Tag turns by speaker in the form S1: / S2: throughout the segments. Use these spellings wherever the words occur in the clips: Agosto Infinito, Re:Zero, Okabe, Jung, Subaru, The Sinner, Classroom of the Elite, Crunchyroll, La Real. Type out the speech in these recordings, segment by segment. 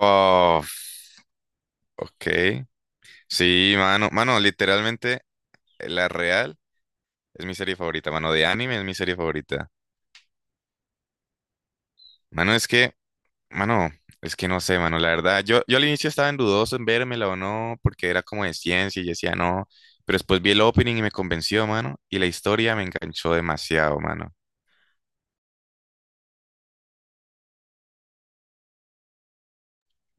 S1: Oh, ok. Sí, mano. Mano, literalmente, La Real es mi serie favorita, mano. De anime es mi serie favorita. Mano, mano, es que no sé, mano. La verdad, yo al inicio estaba en dudoso en vérmela o no, porque era como de ciencia y yo decía no. Pero después vi el opening y me convenció, mano. Y la historia me enganchó demasiado, mano.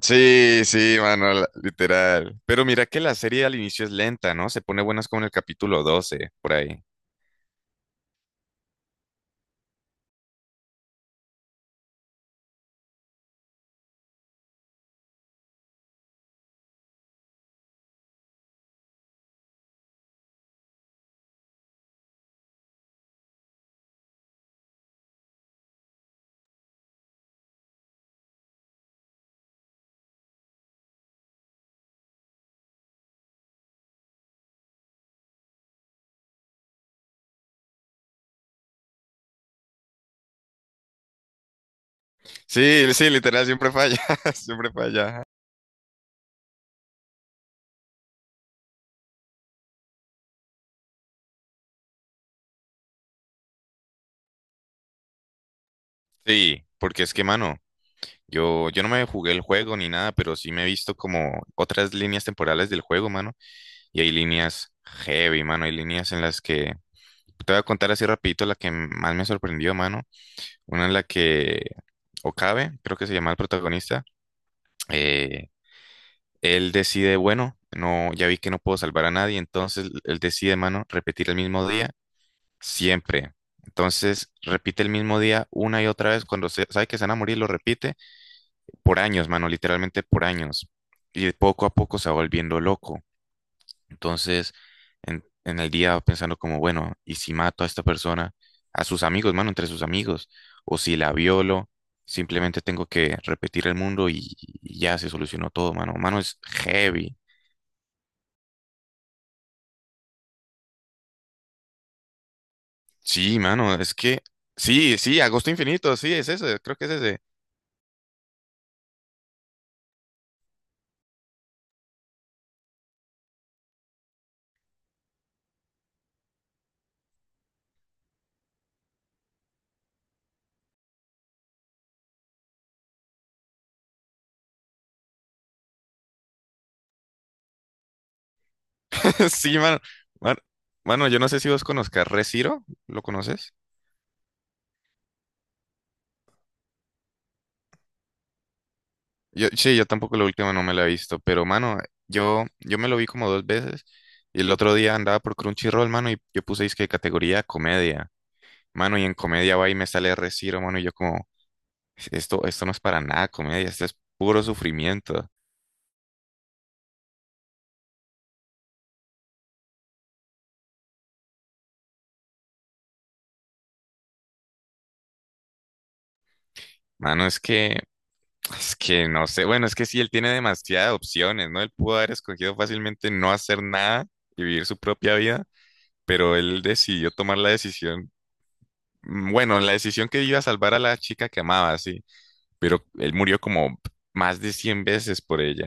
S1: Sí, sí, mano, literal. Pero mira que la serie al inicio es lenta, ¿no? Se pone buenas como en el capítulo 12, por ahí. Sí, sí, literal, siempre falla, siempre falla. Sí, porque es que, mano, yo no me jugué el juego ni nada, pero sí me he visto como otras líneas temporales del juego, mano, y hay líneas heavy, mano, hay líneas te voy a contar así rapidito la que más me sorprendió, mano, una en la que Okabe, creo que se llama el protagonista, eh, él decide, bueno, no, ya vi que no puedo salvar a nadie, entonces él decide, mano, repetir el mismo día siempre. Entonces repite el mismo día una y otra vez. Cuando sabe que se van a morir, lo repite por años, mano, literalmente por años. Y poco a poco se va volviendo loco. Entonces, en el día pensando como, bueno, ¿y si mato a esta persona, a sus amigos, mano, entre sus amigos? O si la violo, simplemente tengo que repetir el mundo y ya se solucionó todo, mano. Mano, es heavy. Sí, mano, es que, sí, sí, Agosto Infinito, sí, es ese, creo que es ese. Sí, mano. Man- Mano, yo no sé si vos conozcas Re:Zero, ¿lo conoces? Yo, sí, yo tampoco la última no me la he visto, pero mano, yo me lo vi como dos veces y el otro día andaba por Crunchyroll, mano, y yo puse que categoría comedia, mano, y en comedia va y me sale Reciro, mano, y yo como, esto no es para nada comedia, esto es puro sufrimiento, mano, es que no sé, bueno, es que sí, él tiene demasiadas opciones, ¿no? Él pudo haber escogido fácilmente no hacer nada y vivir su propia vida, pero él decidió tomar la decisión, bueno, la decisión que iba a salvar a la chica que amaba, sí. Pero él murió como más de 100 veces por ella.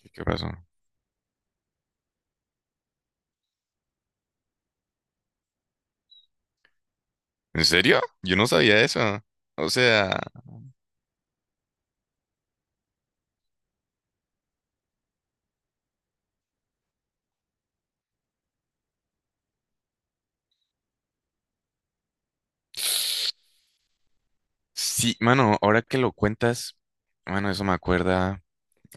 S1: ¿Qué, qué pasó? ¿En serio? Yo no sabía eso. O sea, sí, mano, ahora que lo cuentas, mano, eso me acuerda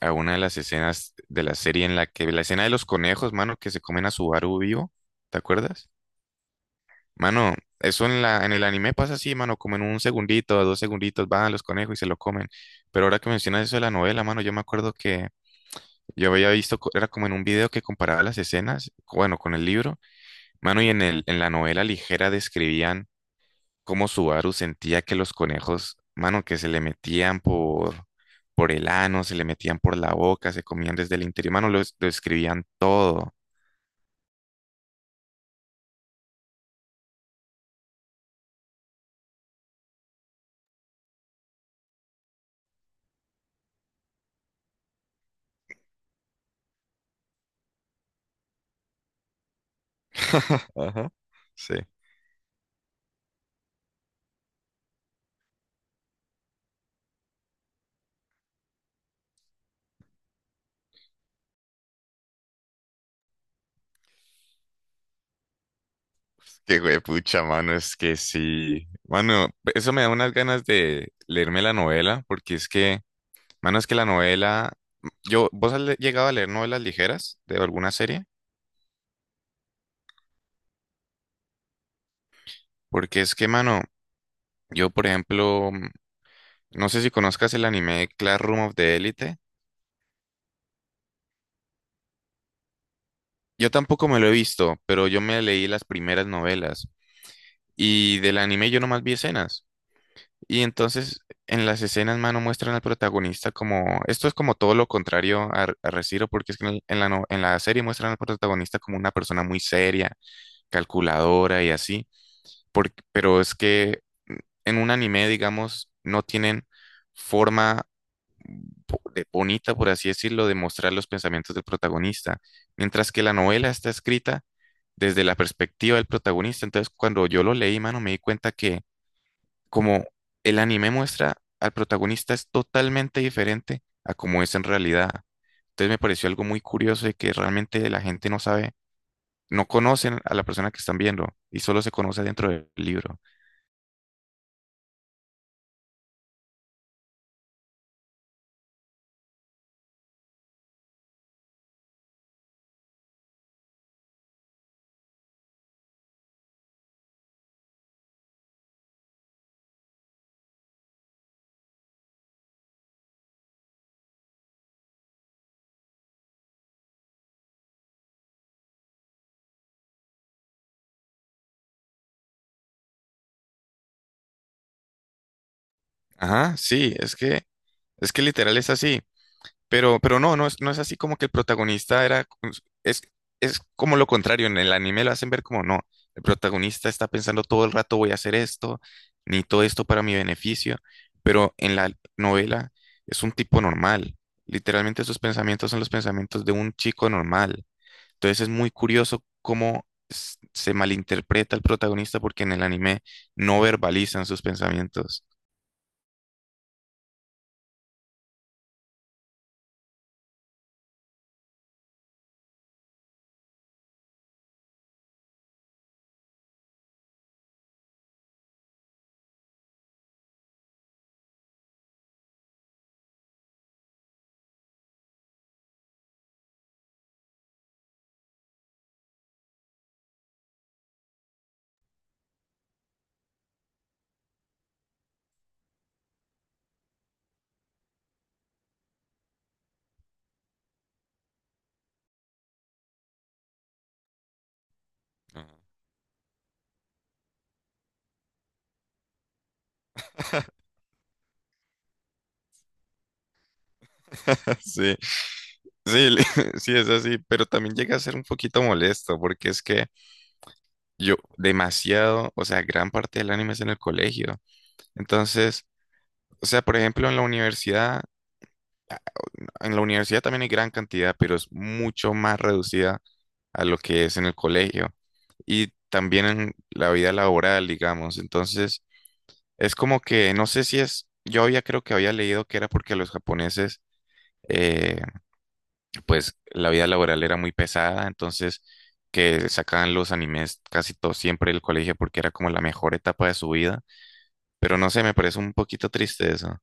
S1: a una de las escenas de la serie en la que, la escena de los conejos, mano, que se comen a Subaru vivo, ¿te acuerdas? Mano, eso en el anime pasa así, mano, como en un segundito, dos segunditos, van los conejos y se lo comen. Pero ahora que mencionas eso de la novela, mano, yo me acuerdo que yo había visto, era como en un video que comparaba las escenas, bueno, con el libro. Mano, y en la novela ligera describían cómo Subaru sentía que los conejos, mano, que se le metían por el ano, se le metían por la boca, se comían desde el interior, mano, lo, lo escribían todo. Ajá, sí. Qué pucha, mano, es que sí. Mano, eso me da unas ganas de leerme la novela, porque es que, mano, es que la novela, yo, ¿vos has llegado a leer novelas ligeras de alguna serie? Porque es que, mano, yo, por ejemplo, no sé si conozcas el anime Classroom of the Elite. Yo tampoco me lo he visto, pero yo me leí las primeras novelas y del anime yo nomás vi escenas. Y entonces en las escenas, mano, muestran al protagonista como... Esto es como todo lo contrario a, a Re:Zero, porque es que en, en la, en la serie muestran al protagonista como una persona muy seria, calculadora y así. Pero es que mm, en un anime, digamos, no tienen forma bonita, por así decirlo, de mostrar los pensamientos del protagonista, mientras que la novela está escrita desde la perspectiva del protagonista. Entonces, cuando yo lo leí, mano, me di cuenta que como el anime muestra al protagonista es totalmente diferente a como es en realidad. Entonces, me pareció algo muy curioso de que realmente la gente no sabe, no conocen a la persona que están viendo y solo se conoce dentro del libro. Ajá, sí, es que literal es así. Pero no, no es, no es así como que el protagonista era, es, es como lo contrario, en el anime lo hacen ver como no, el protagonista está pensando todo el rato voy a hacer esto, ni todo esto para mi beneficio, pero en la novela es un tipo normal, literalmente sus pensamientos son los pensamientos de un chico normal, entonces es muy curioso cómo se malinterpreta al protagonista porque en el anime no verbalizan sus pensamientos. Ah. Sí. Sí, sí, es así, pero también llega a ser un poquito molesto porque es que yo demasiado, o sea, gran parte del anime es en el colegio. Entonces, o sea, por ejemplo, en la universidad también hay gran cantidad, pero es mucho más reducida a lo que es en el colegio y también en la vida laboral, digamos. Entonces, es como que no sé si es, yo había creo que había leído que era porque los japoneses eh, pues la vida laboral era muy pesada, entonces que sacaban los animes casi todo siempre del colegio porque era como la mejor etapa de su vida, pero no sé, me parece un poquito triste eso.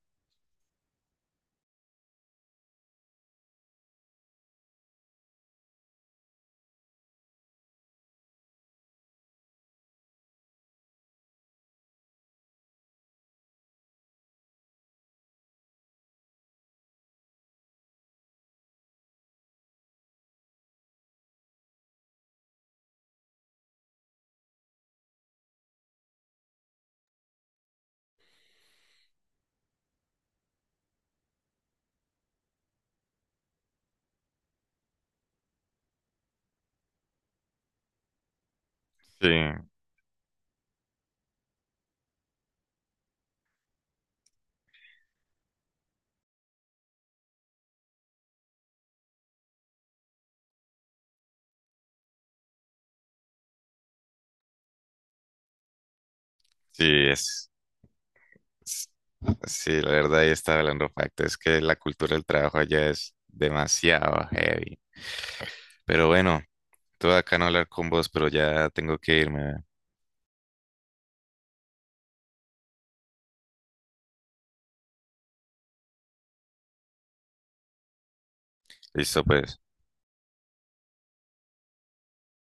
S1: Sí, sí, es, es- sí, la verdad ahí está hablando facto, es que la cultura del trabajo allá es demasiado heavy. Pero bueno, todo acá no hablar con vos, pero ya tengo que irme. Listo, pues.